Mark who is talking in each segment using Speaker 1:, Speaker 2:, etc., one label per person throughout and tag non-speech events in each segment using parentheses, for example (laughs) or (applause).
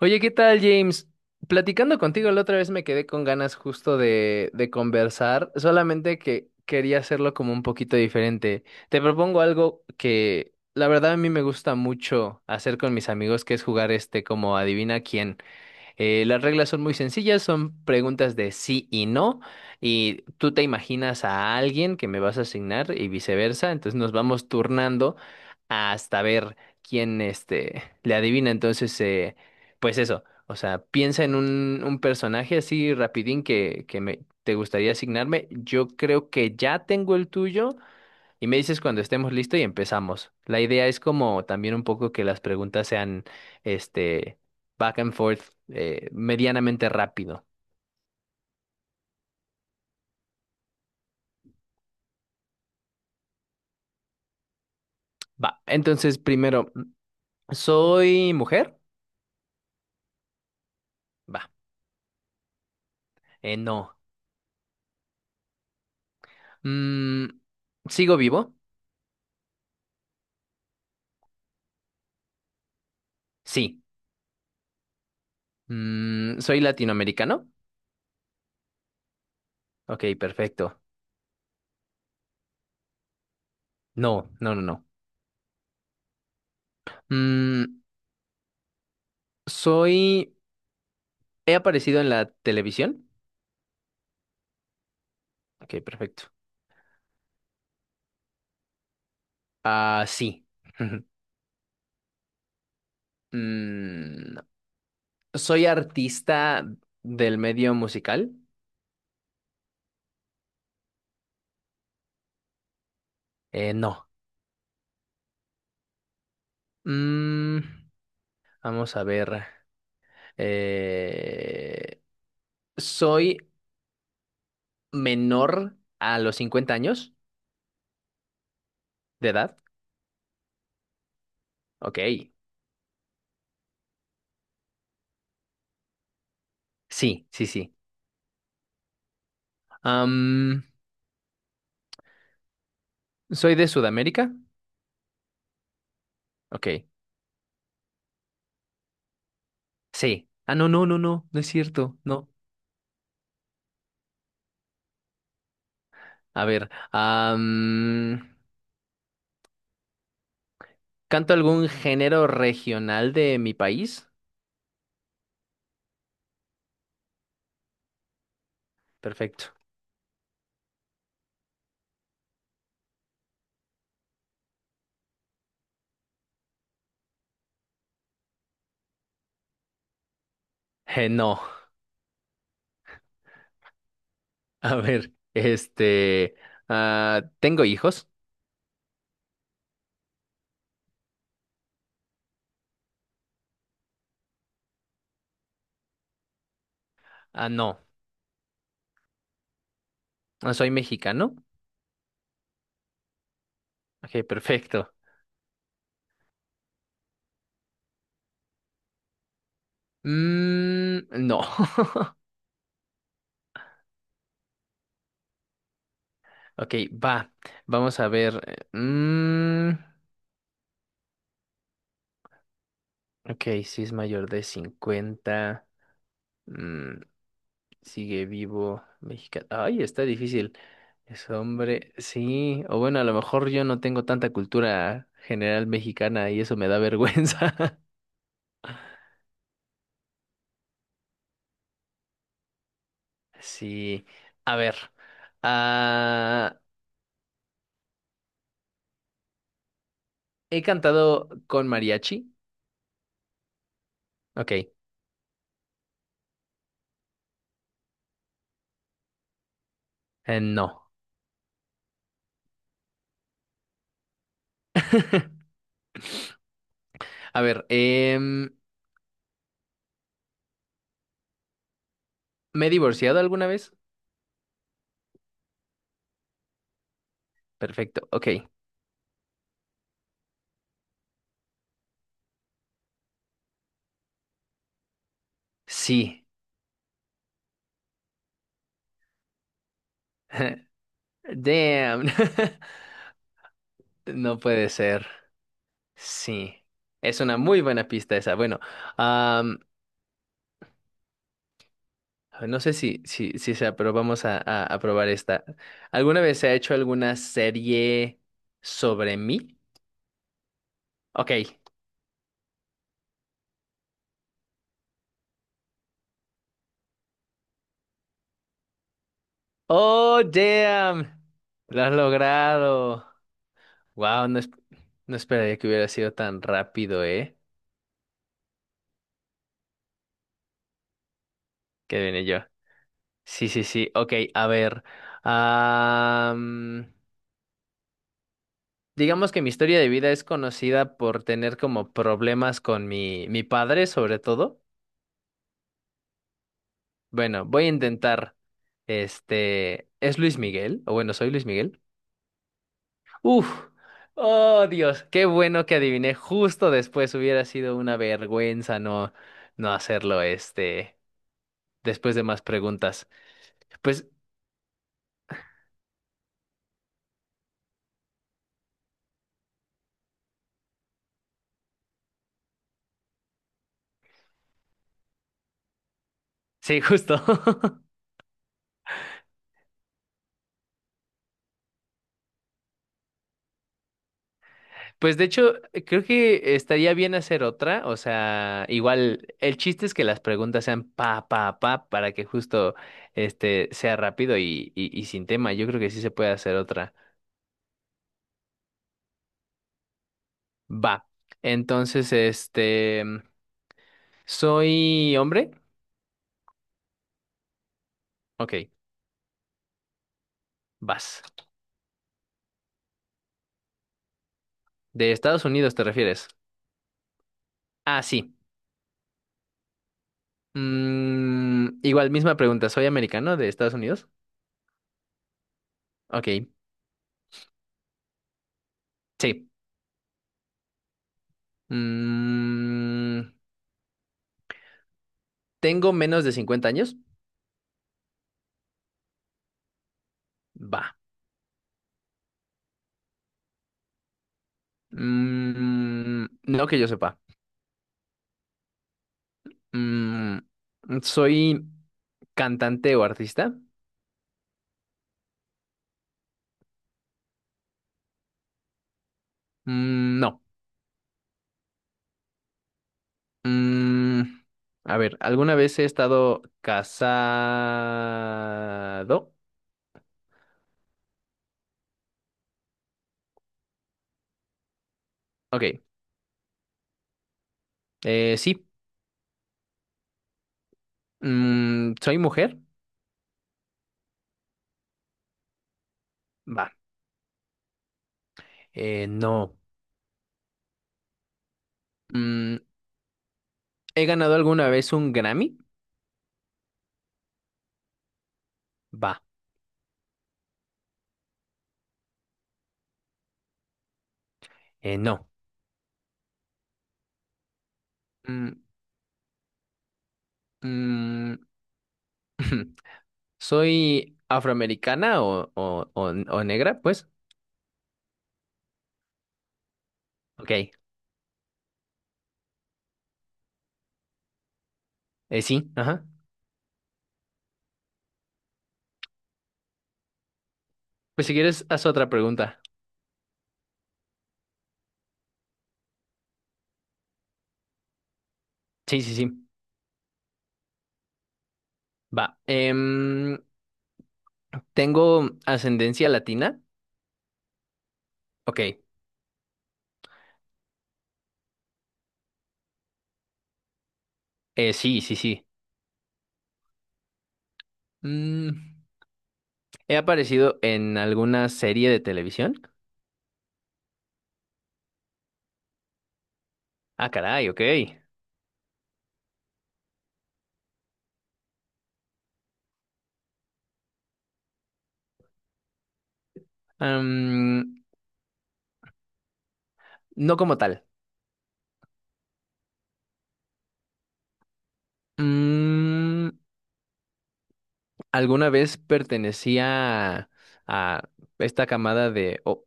Speaker 1: Oye, ¿qué tal, James? Platicando contigo la otra vez me quedé con ganas justo de conversar, solamente que quería hacerlo como un poquito diferente. Te propongo algo que la verdad a mí me gusta mucho hacer con mis amigos, que es jugar este como adivina quién. Las reglas son muy sencillas, son preguntas de sí y no, y tú te imaginas a alguien que me vas a asignar y viceversa, entonces nos vamos turnando hasta ver quién este, le adivina. Entonces, pues eso, o sea, piensa en un personaje así rapidín que me, te gustaría asignarme. Yo creo que ya tengo el tuyo. Y me dices cuando estemos listos y empezamos. La idea es como también un poco que las preguntas sean, este, back and forth, medianamente rápido. Va, entonces primero, ¿soy mujer? Va, no. Mm, ¿Sigo vivo? Sí. ¿Soy latinoamericano? Ok, perfecto. No, no, no, no. Mm, ¿Soy... ¿He aparecido en la televisión? Ok, perfecto. Ah, sí. (laughs) Mm, ¿Soy artista del medio musical? No. Mm, vamos a ver. Eh, ¿Soy menor a los 50 años de edad? Ok. Sí, sí, sí. Am, ¿Soy de Sudamérica? Ok. Sí. Ah, no, no, no, no. No es cierto. No. A ver. ¿Canto algún género regional de mi país? Perfecto. No. A ver, este, ah, ¿tengo hijos? Ah, no. Ah, ¿Soy mexicano? Ok, perfecto. Mm, no. (laughs) Ok, va. Vamos a ver. eh, mm, ok, si es mayor de 50, mm, sigue vivo. Mexicano. Ay, está difícil. Es hombre. Sí. O bueno, a lo mejor yo no tengo tanta cultura general mexicana y eso me da vergüenza. (laughs) Sí. A ver. Ah, ¿He cantado con mariachi? Ok, no. (laughs) A ver, ¿me he divorciado alguna vez? Perfecto, ok. Sí. (laughs) Damn. (laughs) No puede ser. Sí. Es una muy buena pista esa. Bueno, am, no sé si, si, si sea, pero vamos a probar esta. ¿Alguna vez se ha hecho alguna serie sobre mí? Ok. Oh, damn. Lo has logrado. Wow, no, no esperaría que hubiera sido tan rápido, ¿eh? Que viene yo. Sí, sí, sí. Ok, a ver. am, digamos que mi historia de vida es conocida por tener como problemas con mi padre, sobre todo. Bueno, voy a intentar. Este, ¿es Luis Miguel? O bueno, soy Luis Miguel. Uf, oh Dios, qué bueno que adiviné justo después. Hubiera sido una vergüenza no hacerlo, este, después de más preguntas. Pues sí, justo. (laughs) Pues de hecho, creo que estaría bien hacer otra. O sea, igual, el chiste es que las preguntas sean para que justo este sea rápido y sin tema. Yo creo que sí se puede hacer otra. Va. Entonces, este, ¿soy hombre? Ok, vas. ¿De Estados Unidos te refieres? Ah, sí. Mm, igual, misma pregunta. ¿Soy americano de Estados Unidos? Ok, sí. Mm, ¿Tengo menos de 50 años? Va. Mm, no que yo sepa. Mm, ¿Soy cantante o artista? Mm, no. Mm, a ver, ¿alguna vez he estado casado? Ok. Sí. Mm, ¿soy mujer? Va. No. Mm, ¿He ganado alguna vez un Grammy? Va. No. Mm, mm, (laughs) ¿Soy afroamericana o negra? Pues, ok, sí, ajá. Pues si quieres, haz otra pregunta. Sí, sí, sí, va. ¿Tengo ascendencia latina? Ok, sí, sí, sí. Mm, ¿He aparecido en alguna serie de televisión? Ah, caray, ok. Am, no como tal. Mm, ¿Alguna vez pertenecía a esta camada de...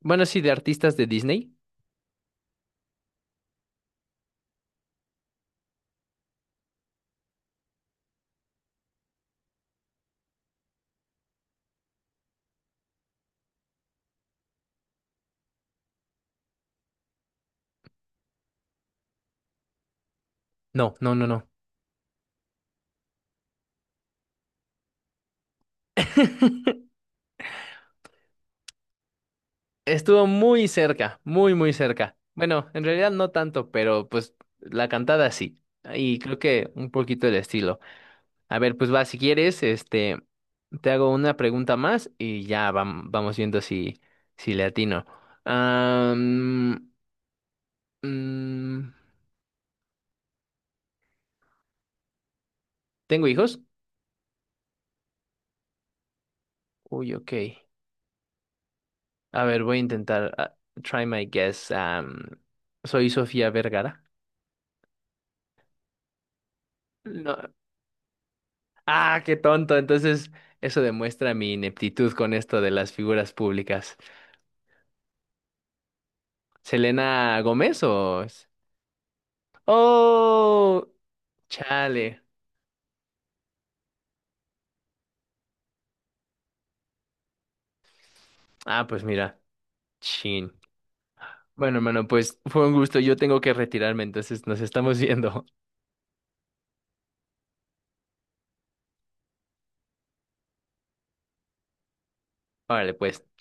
Speaker 1: bueno, sí, de artistas de Disney? No, no, no, no. (laughs) Estuvo muy cerca, muy, muy cerca. Bueno, en realidad no tanto, pero pues la cantada sí. Y creo que un poquito el estilo. A ver, pues va, si quieres, este, te hago una pregunta más y ya vamos viendo si, si le atino. Am, mm, ¿Tengo hijos? Uy, ok. A ver, voy a intentar. Try my guess. ¿Soy Sofía Vergara? No. Ah, qué tonto. Entonces, eso demuestra mi ineptitud con esto de las figuras públicas. ¿Selena Gómez o...? Oh, chale. Ah, pues mira, chin. Bueno, hermano, pues fue un gusto. Yo tengo que retirarme, entonces nos estamos viendo. (laughs) Órale, pues.